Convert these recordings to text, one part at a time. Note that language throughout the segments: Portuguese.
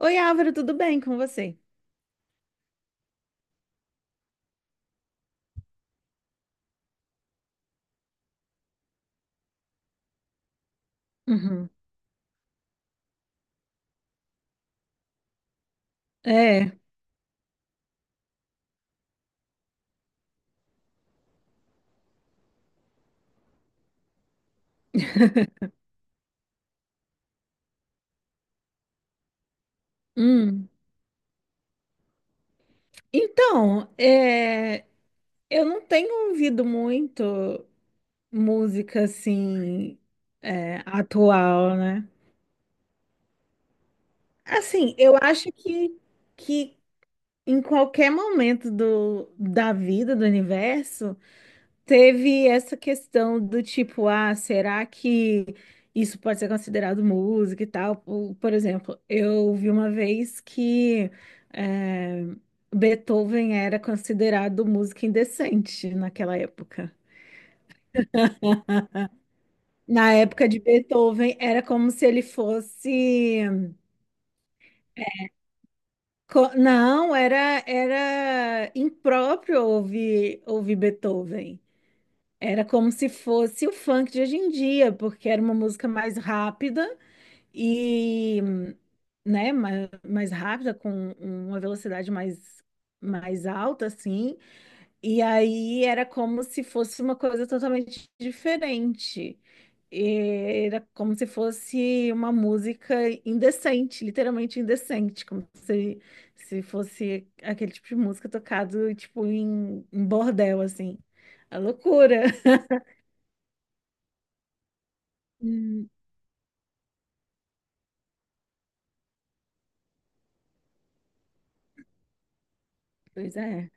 Oi, Álvaro, tudo bem com você? Uhum. É. Hum. Então, eu não tenho ouvido muito música assim, atual, né? Assim, eu acho que em qualquer momento do, da vida, do universo, teve essa questão do tipo, ah, será que isso pode ser considerado música e tal? Por exemplo, eu vi uma vez que eh, Beethoven era considerado música indecente naquela época. Na época de Beethoven, era como se ele fosse. Não, era impróprio ouvir Beethoven. Era como se fosse o funk de hoje em dia, porque era uma música mais rápida. E, né, mais rápida, com uma velocidade mais alta, assim, e aí era como se fosse uma coisa totalmente diferente. E era como se fosse uma música indecente, literalmente indecente, como se fosse aquele tipo de música tocado, tipo, em bordel, assim. A loucura. Hum, pois é.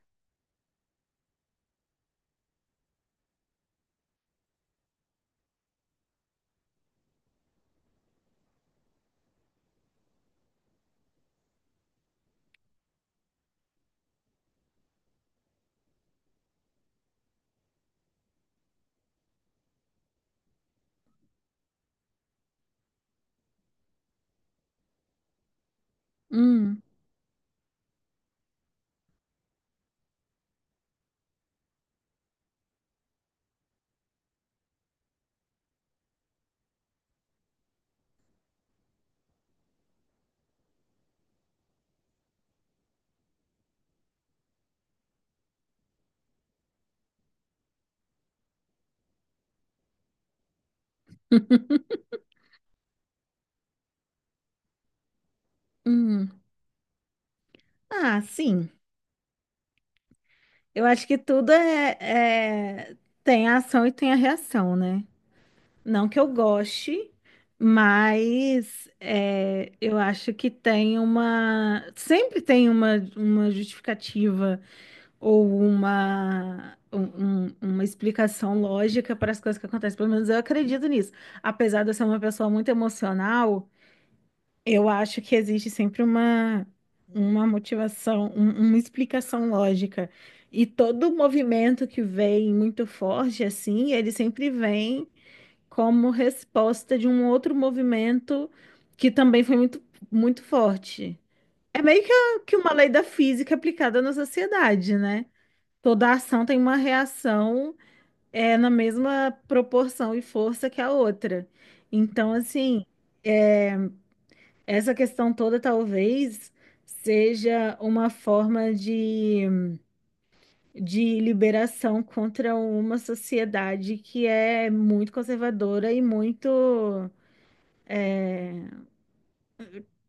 Hum, hum. Ah, sim. Eu acho que tudo é- tem a ação e tem a reação, né? Não que eu goste, mas eu acho que tem uma. Sempre tem uma justificativa ou uma explicação lógica para as coisas que acontecem. Pelo menos eu acredito nisso. Apesar de eu ser uma pessoa muito emocional. Eu acho que existe sempre uma motivação, uma explicação lógica. E todo movimento que vem muito forte assim, ele sempre vem como resposta de um outro movimento que também foi muito, muito forte. É meio que, que uma lei da física aplicada na sociedade, né? Toda ação tem uma reação, na mesma proporção e força que a outra. Então, assim. é, essa questão toda talvez seja uma forma de liberação contra uma sociedade que é muito conservadora e muito,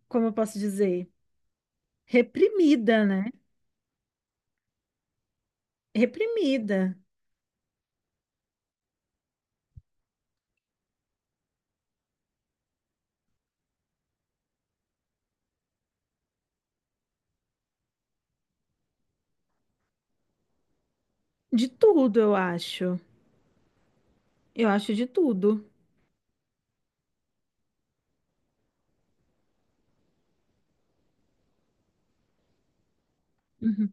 como eu posso dizer, reprimida, né? Reprimida. De tudo, eu acho. Eu acho de tudo. Uhum,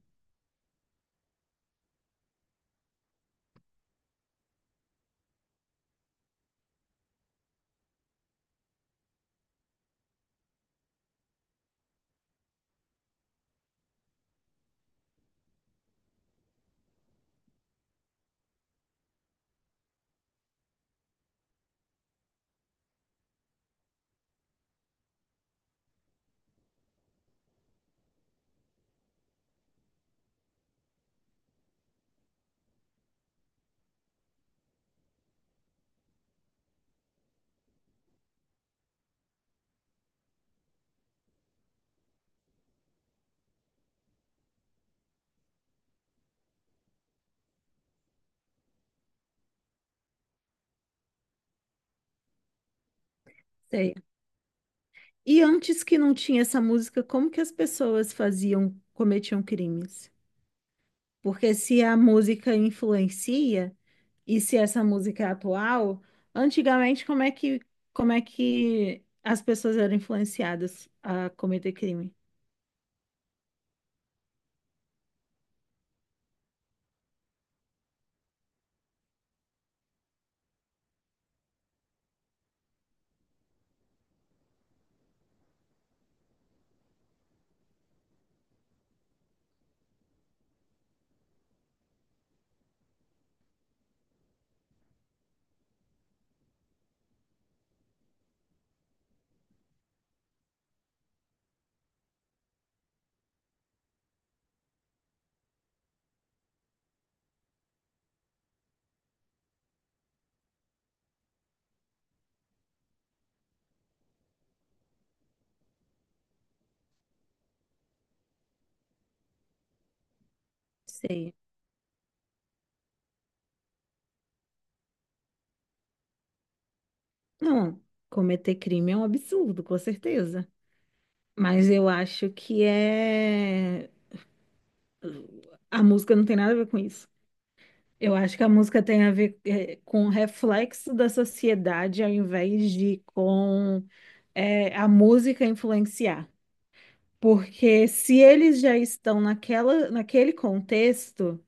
sei. E antes que não tinha essa música, como que as pessoas faziam, cometiam crimes? Porque se a música influencia. E se essa música é atual, antigamente como é que as pessoas eram influenciadas a cometer crime? Sei. Não, cometer crime é um absurdo, com certeza. Mas eu acho que a música não tem nada a ver com isso. Eu acho que a música tem a ver é, com o reflexo da sociedade ao invés de com é, a música influenciar. Porque se eles já estão naquela, naquele contexto.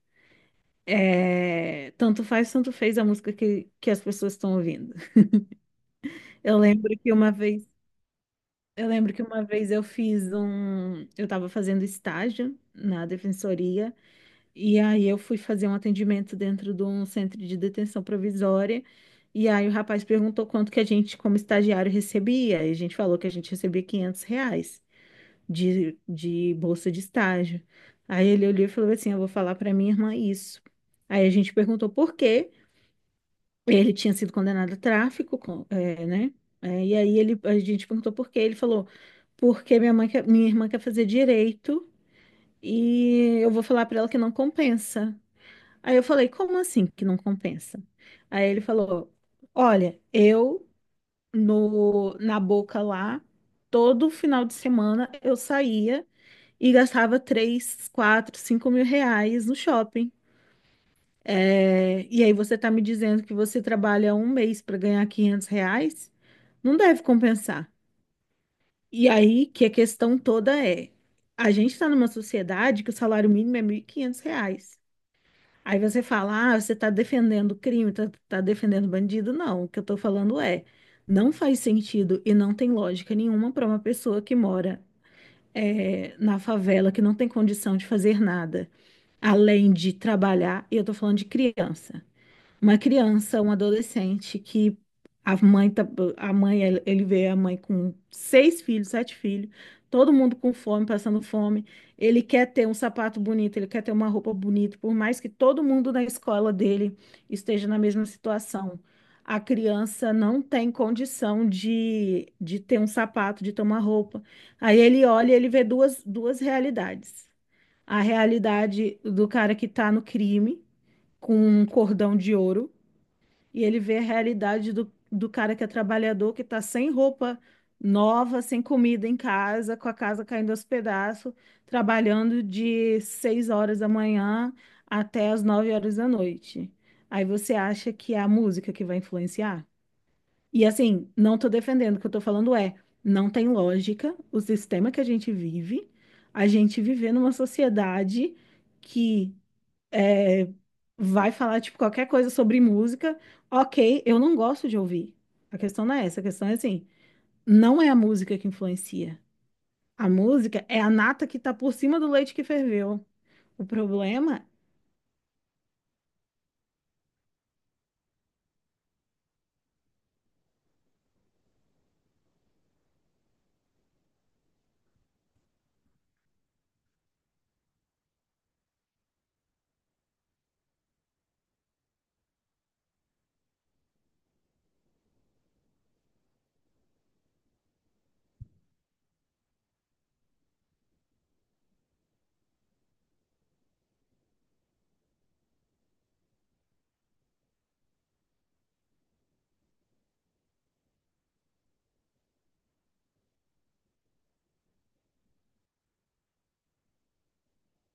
É, tanto faz, tanto fez a música que as pessoas estão ouvindo. Eu lembro que uma vez, eu lembro que uma vez eu estava fazendo estágio na defensoria e aí eu fui fazer um atendimento dentro de um centro de detenção provisória e aí o rapaz perguntou quanto que a gente, como estagiário, recebia e a gente falou que a gente recebia R$ 500 de bolsa de estágio. Aí ele olhou e falou assim, eu vou falar para minha irmã isso. Aí a gente perguntou por quê? Ele tinha sido condenado a tráfico, é, né? É, e aí a gente perguntou por quê. Ele falou, porque minha minha irmã quer fazer direito e eu vou falar para ela que não compensa. Aí eu falei, como assim que não compensa? Aí ele falou, olha, eu no, na Boca lá, todo final de semana eu saía e gastava 3, 4, R$ 5.000 no shopping. É, e aí você está me dizendo que você trabalha um mês para ganhar R$ 500? Não deve compensar. E aí que a questão toda é, a gente está numa sociedade que o salário mínimo é R$ 1.500. Aí você fala, ah, você está defendendo crime, está defendendo bandido. Não, o que eu estou falando é, não faz sentido e não tem lógica nenhuma para uma pessoa que mora na favela, que não tem condição de fazer nada, além de trabalhar, e eu estou falando de criança uma criança, um adolescente que a mãe tá, a mãe ele vê a mãe com seis filhos, sete filhos, todo mundo com fome, passando fome. Ele quer ter um sapato bonito, ele quer ter uma roupa bonita, por mais que todo mundo na escola dele esteja na mesma situação. A criança não tem condição de ter um sapato, de ter uma roupa. Aí ele olha e ele vê duas realidades. A realidade do cara que está no crime, com um cordão de ouro, e ele vê a realidade do cara que é trabalhador, que está sem roupa nova, sem comida em casa, com a casa caindo aos pedaços, trabalhando de 6 horas da manhã até as 9 horas da noite. Aí você acha que é a música que vai influenciar? E assim, não tô defendendo, o que eu tô falando é, não tem lógica o sistema que a gente vive, a gente viver numa sociedade que é, vai falar, tipo, qualquer coisa sobre música, ok, eu não gosto de ouvir. A questão não é essa, a questão é assim, não é a música que influencia. A música é a nata que tá por cima do leite que ferveu. O problema...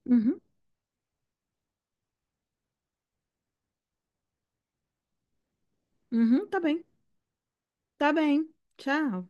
Uhum, uhum, tá bem, tchau.